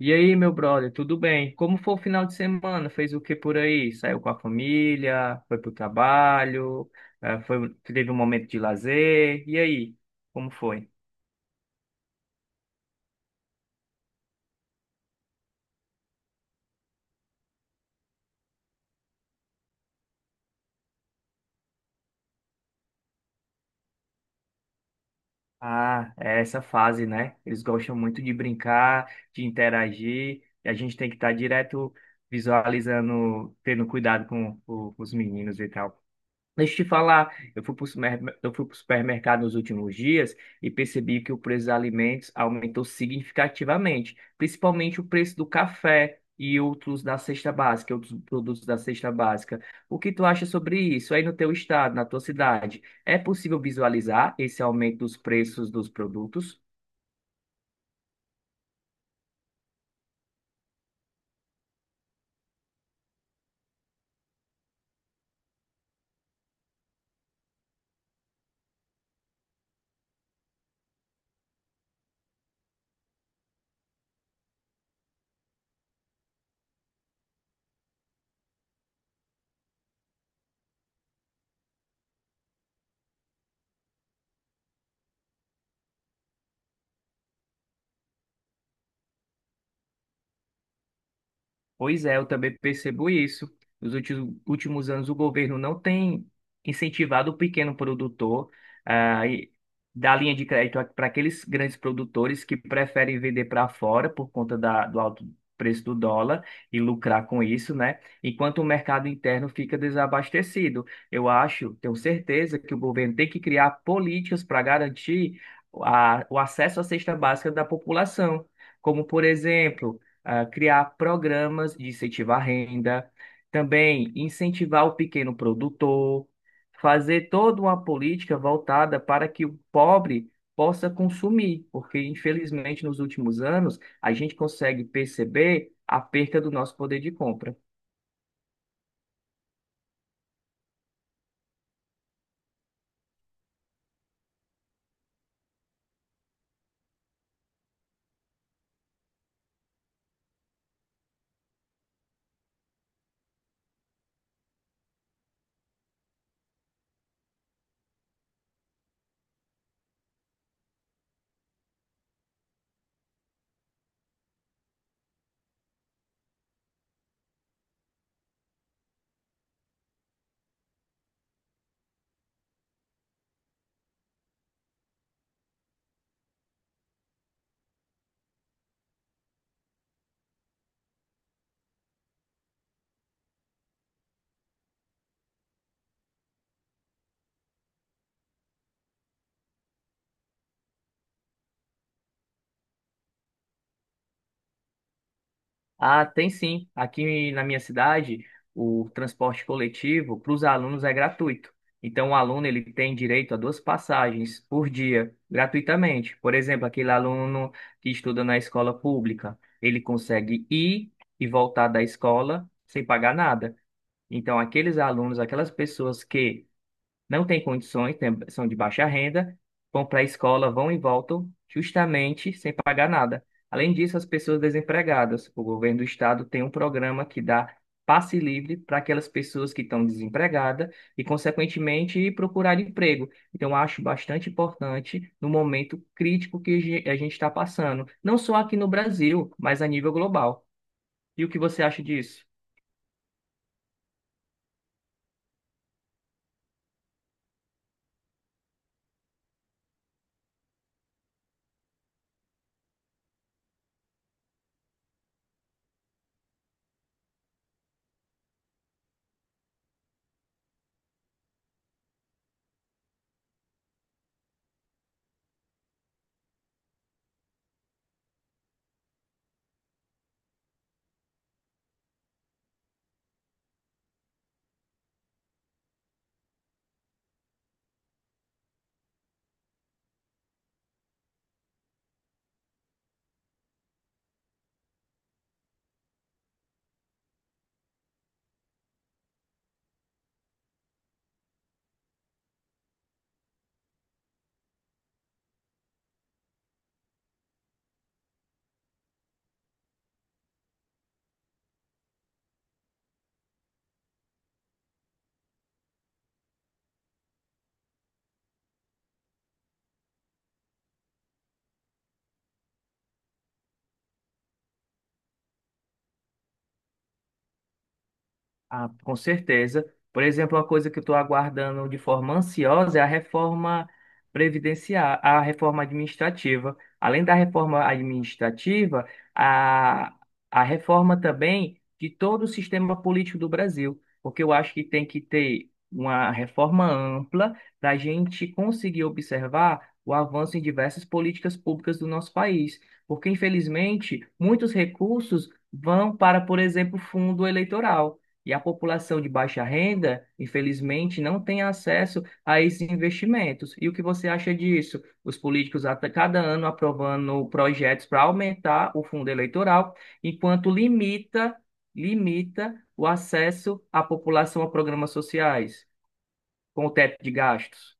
E aí, meu brother, tudo bem? Como foi o final de semana? Fez o que por aí? Saiu com a família? Foi pro trabalho? Teve um momento de lazer? E aí, como foi? Ah, é essa fase, né? Eles gostam muito de brincar, de interagir, e a gente tem que estar direto visualizando, tendo cuidado com os meninos e tal. Deixa eu te falar, eu fui para o supermercado nos últimos dias e percebi que o preço dos alimentos aumentou significativamente, principalmente o preço do café e outros da cesta básica, outros produtos da cesta básica. O que tu acha sobre isso aí no teu estado, na tua cidade? É possível visualizar esse aumento dos preços dos produtos? Pois é, eu também percebo isso. Nos últimos anos, o governo não tem incentivado o pequeno produtor a dar linha de crédito para aqueles grandes produtores que preferem vender para fora por conta do alto preço do dólar e lucrar com isso, né? Enquanto o mercado interno fica desabastecido. Eu acho, tenho certeza que o governo tem que criar políticas para garantir o acesso à cesta básica da população. Como, por exemplo, ah, criar programas de incentivar à renda, também incentivar o pequeno produtor, fazer toda uma política voltada para que o pobre possa consumir, porque infelizmente nos últimos anos a gente consegue perceber a perca do nosso poder de compra. Ah, tem sim. Aqui na minha cidade, o transporte coletivo para os alunos é gratuito. Então, o aluno ele tem direito a duas passagens por dia, gratuitamente. Por exemplo, aquele aluno que estuda na escola pública, ele consegue ir e voltar da escola sem pagar nada. Então, aqueles alunos, aquelas pessoas que não têm condições, são de baixa renda, vão para a escola, vão e voltam, justamente sem pagar nada. Além disso, as pessoas desempregadas. O governo do estado tem um programa que dá passe livre para aquelas pessoas que estão desempregadas e, consequentemente, procurar emprego. Então, eu acho bastante importante no momento crítico que a gente está passando, não só aqui no Brasil, mas a nível global. E o que você acha disso? Ah, com certeza. Por exemplo, uma coisa que eu estou aguardando de forma ansiosa é a reforma previdenciária, a reforma administrativa. Além da reforma administrativa, a, a reforma também de todo o sistema político do Brasil, porque eu acho que tem que ter uma reforma ampla para a gente conseguir observar o avanço em diversas políticas públicas do nosso país, porque infelizmente muitos recursos vão para, por exemplo, fundo eleitoral. E a população de baixa renda, infelizmente, não tem acesso a esses investimentos. E o que você acha disso? Os políticos a cada ano aprovando projetos para aumentar o fundo eleitoral, enquanto limita o acesso à população a programas sociais, com o teto de gastos.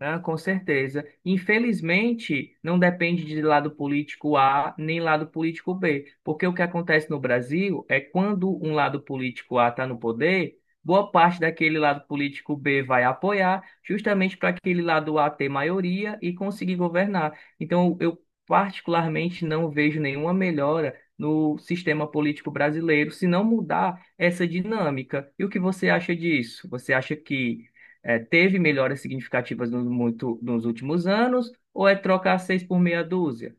Ah, com certeza. Infelizmente, não depende de lado político A nem lado político B, porque o que acontece no Brasil é quando um lado político A está no poder, boa parte daquele lado político B vai apoiar, justamente para aquele lado A ter maioria e conseguir governar. Então, eu particularmente não vejo nenhuma melhora no sistema político brasileiro se não mudar essa dinâmica. E o que você acha disso? Você acha que teve melhoras significativas no muito, nos últimos anos, ou é trocar seis por meia dúzia?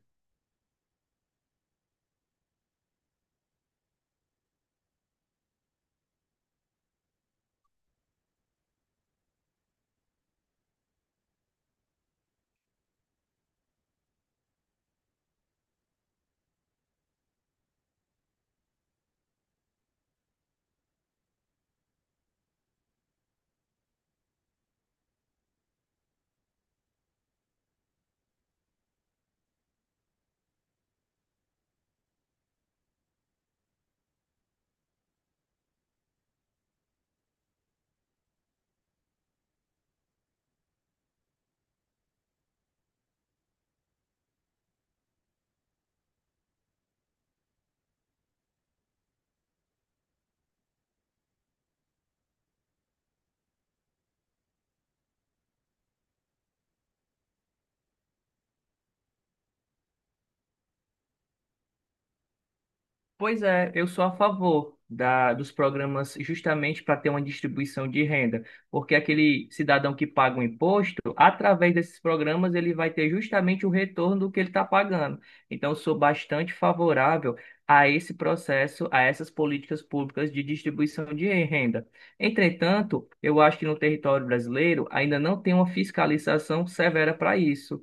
Pois é, eu sou a favor dos programas justamente para ter uma distribuição de renda, porque aquele cidadão que paga o imposto, através desses programas, ele vai ter justamente o retorno do que ele está pagando. Então, eu sou bastante favorável a esse processo, a essas políticas públicas de distribuição de renda. Entretanto, eu acho que no território brasileiro ainda não tem uma fiscalização severa para isso.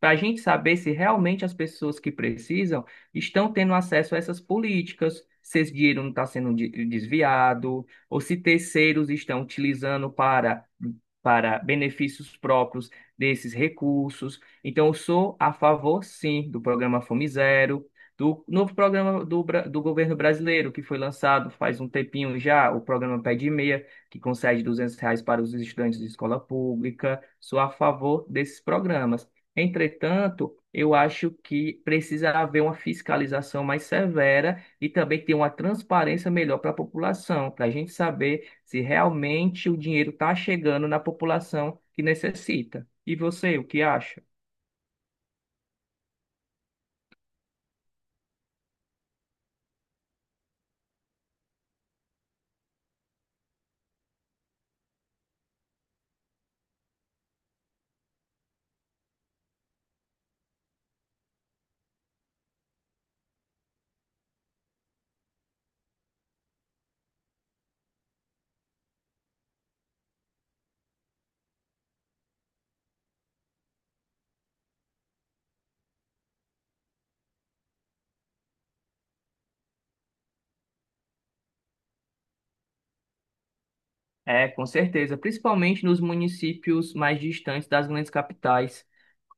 Para a gente saber se realmente as pessoas que precisam estão tendo acesso a essas políticas, se esse dinheiro não está sendo desviado, ou se terceiros estão utilizando para benefícios próprios desses recursos. Então, eu sou a favor, sim, do programa Fome Zero, do novo programa do governo brasileiro, que foi lançado faz um tempinho já, o programa Pé de Meia, que concede R$ 200 para os estudantes de escola pública. Sou a favor desses programas. Entretanto, eu acho que precisa haver uma fiscalização mais severa e também ter uma transparência melhor para a população, para a gente saber se realmente o dinheiro está chegando na população que necessita. E você, o que acha? É, com certeza, principalmente nos municípios mais distantes das grandes capitais.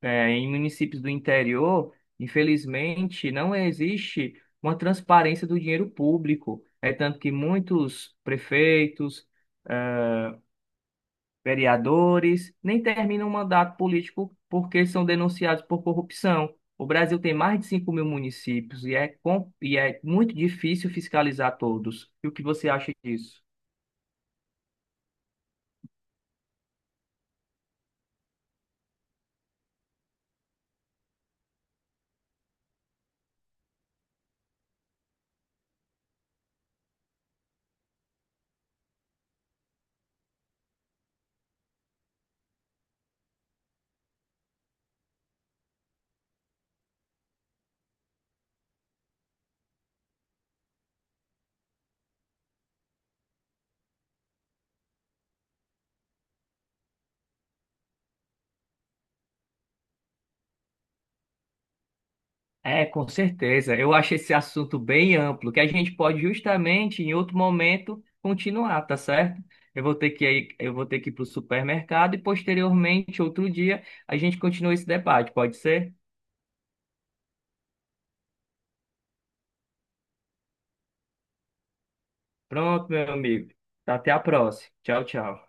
É, em municípios do interior, infelizmente, não existe uma transparência do dinheiro público. É tanto que muitos prefeitos vereadores, nem terminam um mandato político porque são denunciados por corrupção. O Brasil tem mais de 5 mil municípios e é, e é muito difícil fiscalizar todos. E o que você acha disso? É, com certeza. Eu acho esse assunto bem amplo, que a gente pode justamente, em outro momento, continuar, tá certo? Eu vou ter que ir, eu vou ter que ir para o supermercado e, posteriormente, outro dia, a gente continua esse debate, pode ser? Pronto, meu amigo. Até a próxima. Tchau, tchau.